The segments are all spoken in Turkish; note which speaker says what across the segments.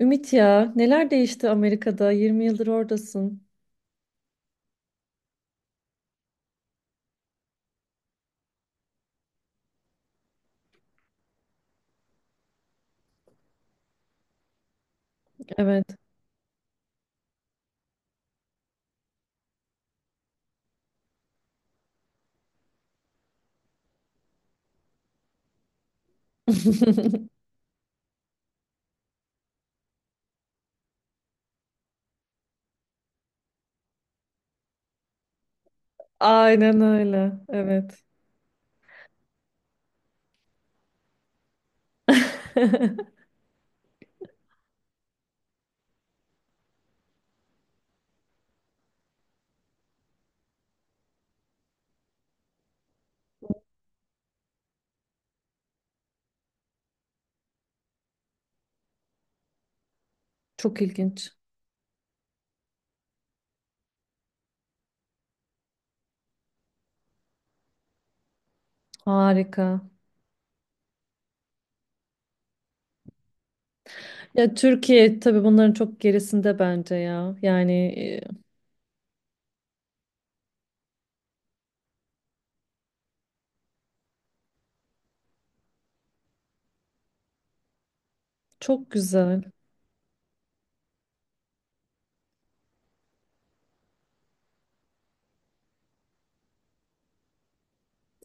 Speaker 1: Ümit, ya neler değişti Amerika'da? 20 yıldır oradasın. Evet. Aynen öyle. Evet. Çok ilginç. Harika. Ya Türkiye tabii bunların çok gerisinde bence ya. Çok güzel.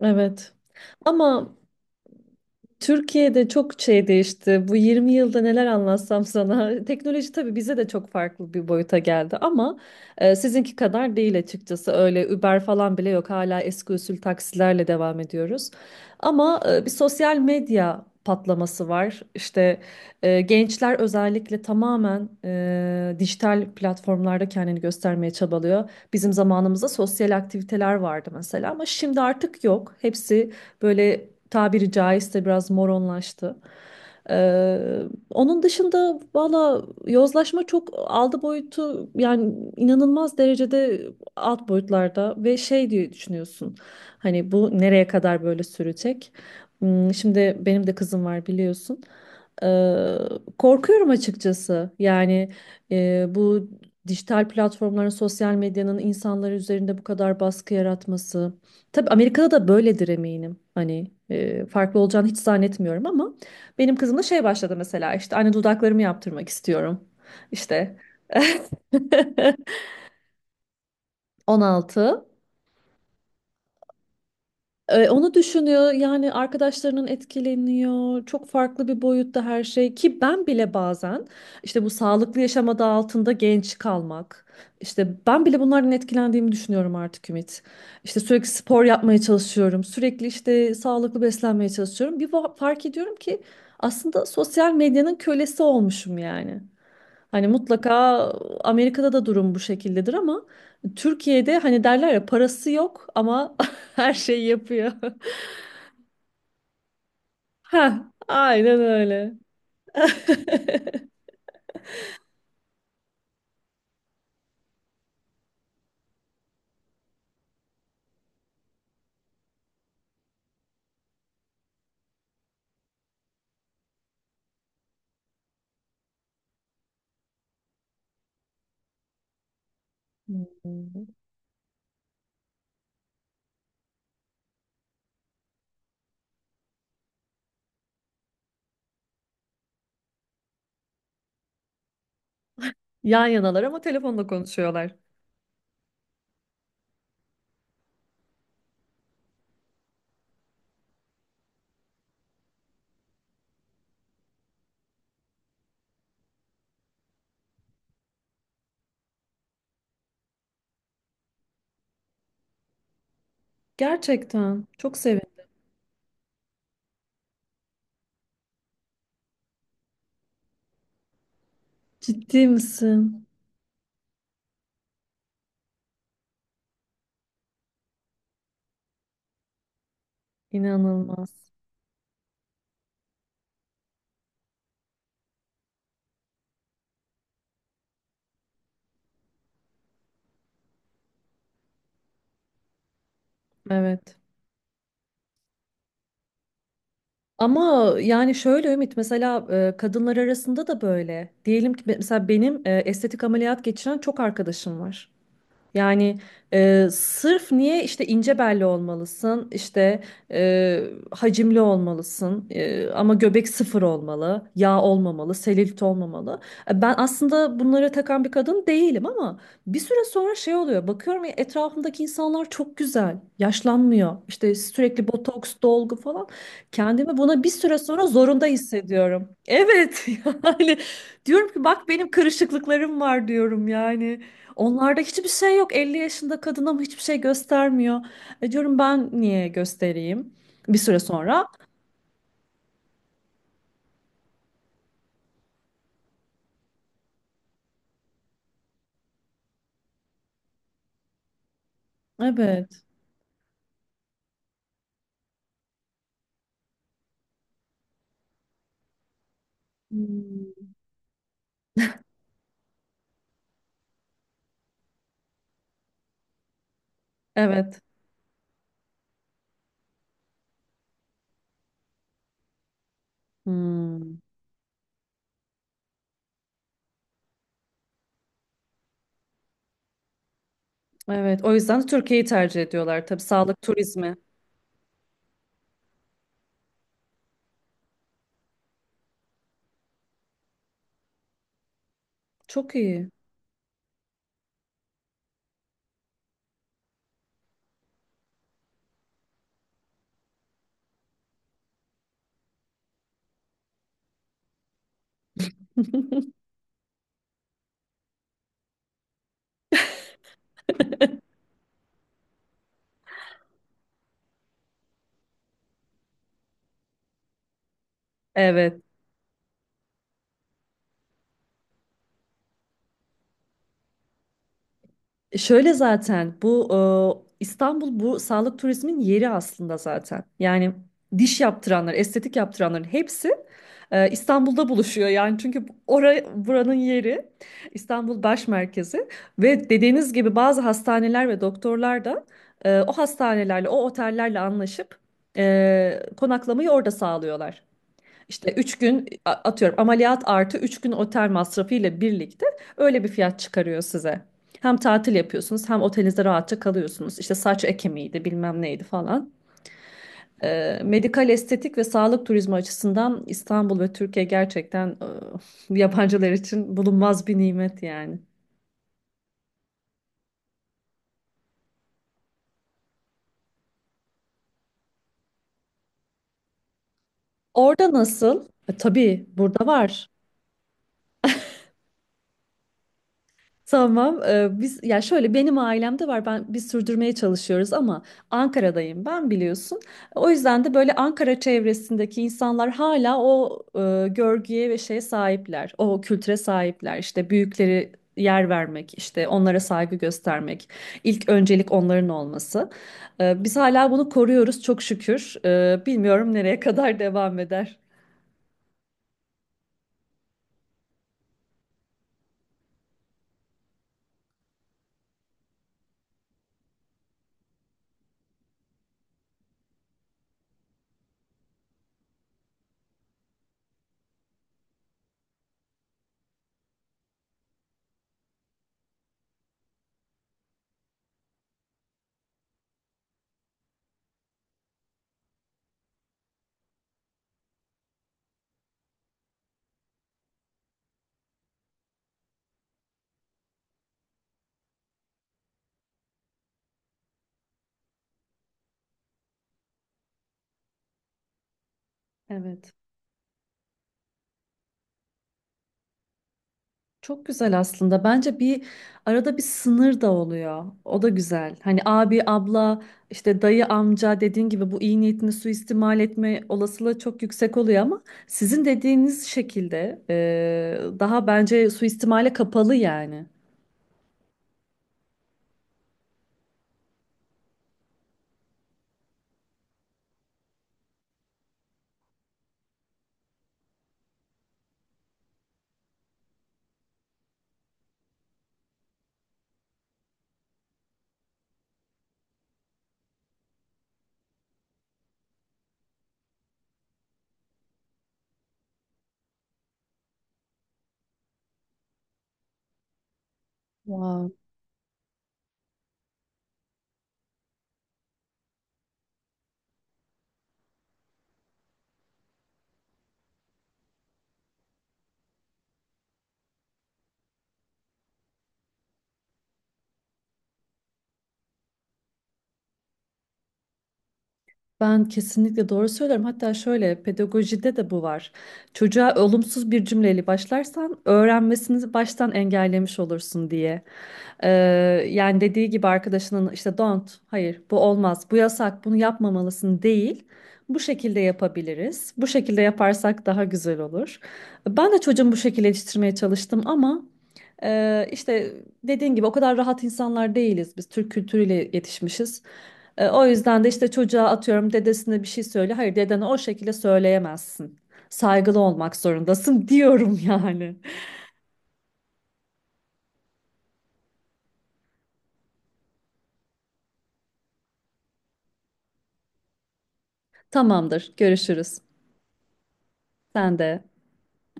Speaker 1: Evet. Ama Türkiye'de çok şey değişti. Bu 20 yılda neler anlatsam sana. Teknoloji tabii bize de çok farklı bir boyuta geldi ama sizinki kadar değil açıkçası. Öyle Uber falan bile yok. Hala eski usul taksilerle devam ediyoruz. Ama bir sosyal medya patlaması var. İşte gençler özellikle tamamen dijital platformlarda kendini göstermeye çabalıyor. Bizim zamanımızda sosyal aktiviteler vardı mesela ama şimdi artık yok. Hepsi böyle, tabiri caizse, biraz moronlaştı. Ee, Onun dışında valla yozlaşma çok aldı boyutu, yani inanılmaz derecede alt boyutlarda ve şey diye düşünüyorsun. Hani bu nereye kadar böyle sürecek? Hmm. Şimdi benim de kızım var, biliyorsun. Ee, Korkuyorum açıkçası. Yani bu dijital platformların, sosyal medyanın insanlar üzerinde bu kadar baskı yaratması. Tabii Amerika'da da böyledir eminim. Hani farklı olacağını hiç zannetmiyorum ama benim kızım da şey başladı mesela, işte anne dudaklarımı yaptırmak istiyorum. İşte 16. Onu düşünüyor yani, arkadaşlarının etkileniyor, çok farklı bir boyutta her şey, ki ben bile bazen işte bu sağlıklı yaşam adı altında genç kalmak, işte ben bile bunlardan etkilendiğimi düşünüyorum artık Ümit. İşte sürekli spor yapmaya çalışıyorum, sürekli işte sağlıklı beslenmeye çalışıyorum, bir fark ediyorum ki aslında sosyal medyanın kölesi olmuşum yani. Hani mutlaka Amerika'da da durum bu şekildedir ama Türkiye'de hani derler ya, parası yok ama her şeyi yapıyor. Ha, aynen öyle. Hmm. Yan yanalar ama telefonla konuşuyorlar. Gerçekten. Çok sevin. Ciddi misin? İnanılmaz. Evet. Ama yani şöyle Ümit, mesela kadınlar arasında da böyle. Diyelim ki mesela benim estetik ameliyat geçiren çok arkadaşım var. Yani sırf niye, işte ince belli olmalısın, işte e, hacimli olmalısın, ama göbek sıfır olmalı, yağ olmamalı, selülit olmamalı. Ben aslında bunlara takan bir kadın değilim ama bir süre sonra şey oluyor. Bakıyorum ya, etrafımdaki insanlar çok güzel, yaşlanmıyor. İşte sürekli botoks, dolgu falan. Kendimi buna bir süre sonra zorunda hissediyorum. Evet. Yani diyorum ki bak, benim kırışıklıklarım var diyorum yani. Onlarda hiçbir şey yok. 50 yaşında kadın ama hiçbir şey göstermiyor. E diyorum, ben niye göstereyim? Bir süre sonra. Evet. Hmm. Evet. Hmm. Evet. O yüzden Türkiye'yi tercih ediyorlar. Tabii sağlık turizmi. Çok iyi. Evet. Şöyle zaten bu İstanbul bu sağlık turizmin yeri aslında zaten. Yani diş yaptıranlar, estetik yaptıranların hepsi İstanbul'da buluşuyor. Yani çünkü oraya buranın yeri, İstanbul baş merkezi ve dediğiniz gibi bazı hastaneler ve doktorlar da o hastanelerle, o otellerle anlaşıp konaklamayı orada sağlıyorlar. İşte 3 gün atıyorum ameliyat artı 3 gün otel masrafı ile birlikte öyle bir fiyat çıkarıyor size. Hem tatil yapıyorsunuz hem otelinizde rahatça kalıyorsunuz. İşte saç ekimiydi, bilmem neydi falan. Medikal estetik ve sağlık turizmi açısından İstanbul ve Türkiye gerçekten yabancılar için bulunmaz bir nimet yani. Orada nasıl? E, tabii burada var. Tamam. Biz ya şöyle, benim ailemde var. Biz sürdürmeye çalışıyoruz ama Ankara'dayım ben, biliyorsun. O yüzden de böyle Ankara çevresindeki insanlar hala o görgüye ve şeye sahipler. O kültüre sahipler. İşte büyükleri yer vermek, işte onlara saygı göstermek, ilk öncelik onların olması. Biz hala bunu koruyoruz çok şükür. Bilmiyorum nereye kadar devam eder. Evet. Çok güzel aslında. Bence bir arada bir sınır da oluyor. O da güzel. Hani abi, abla, işte dayı, amca dediğin gibi bu iyi niyetini suistimal etme olasılığı çok yüksek oluyor ama sizin dediğiniz şekilde daha bence suistimale kapalı yani. Ben kesinlikle doğru söylüyorum. Hatta şöyle pedagojide de bu var. Çocuğa olumsuz bir cümleyle başlarsan öğrenmesini baştan engellemiş olursun diye. Ee, Yani dediği gibi arkadaşının, işte don't, hayır bu olmaz, bu yasak, bunu yapmamalısın değil. Bu şekilde yapabiliriz. Bu şekilde yaparsak daha güzel olur. Ben de çocuğumu bu şekilde yetiştirmeye çalıştım ama işte dediğin gibi o kadar rahat insanlar değiliz. Biz Türk kültürüyle yetişmişiz. O yüzden de işte çocuğa atıyorum dedesine bir şey söyle. Hayır, dedene o şekilde söyleyemezsin. Saygılı olmak zorundasın diyorum yani. Tamamdır, görüşürüz. Sen de.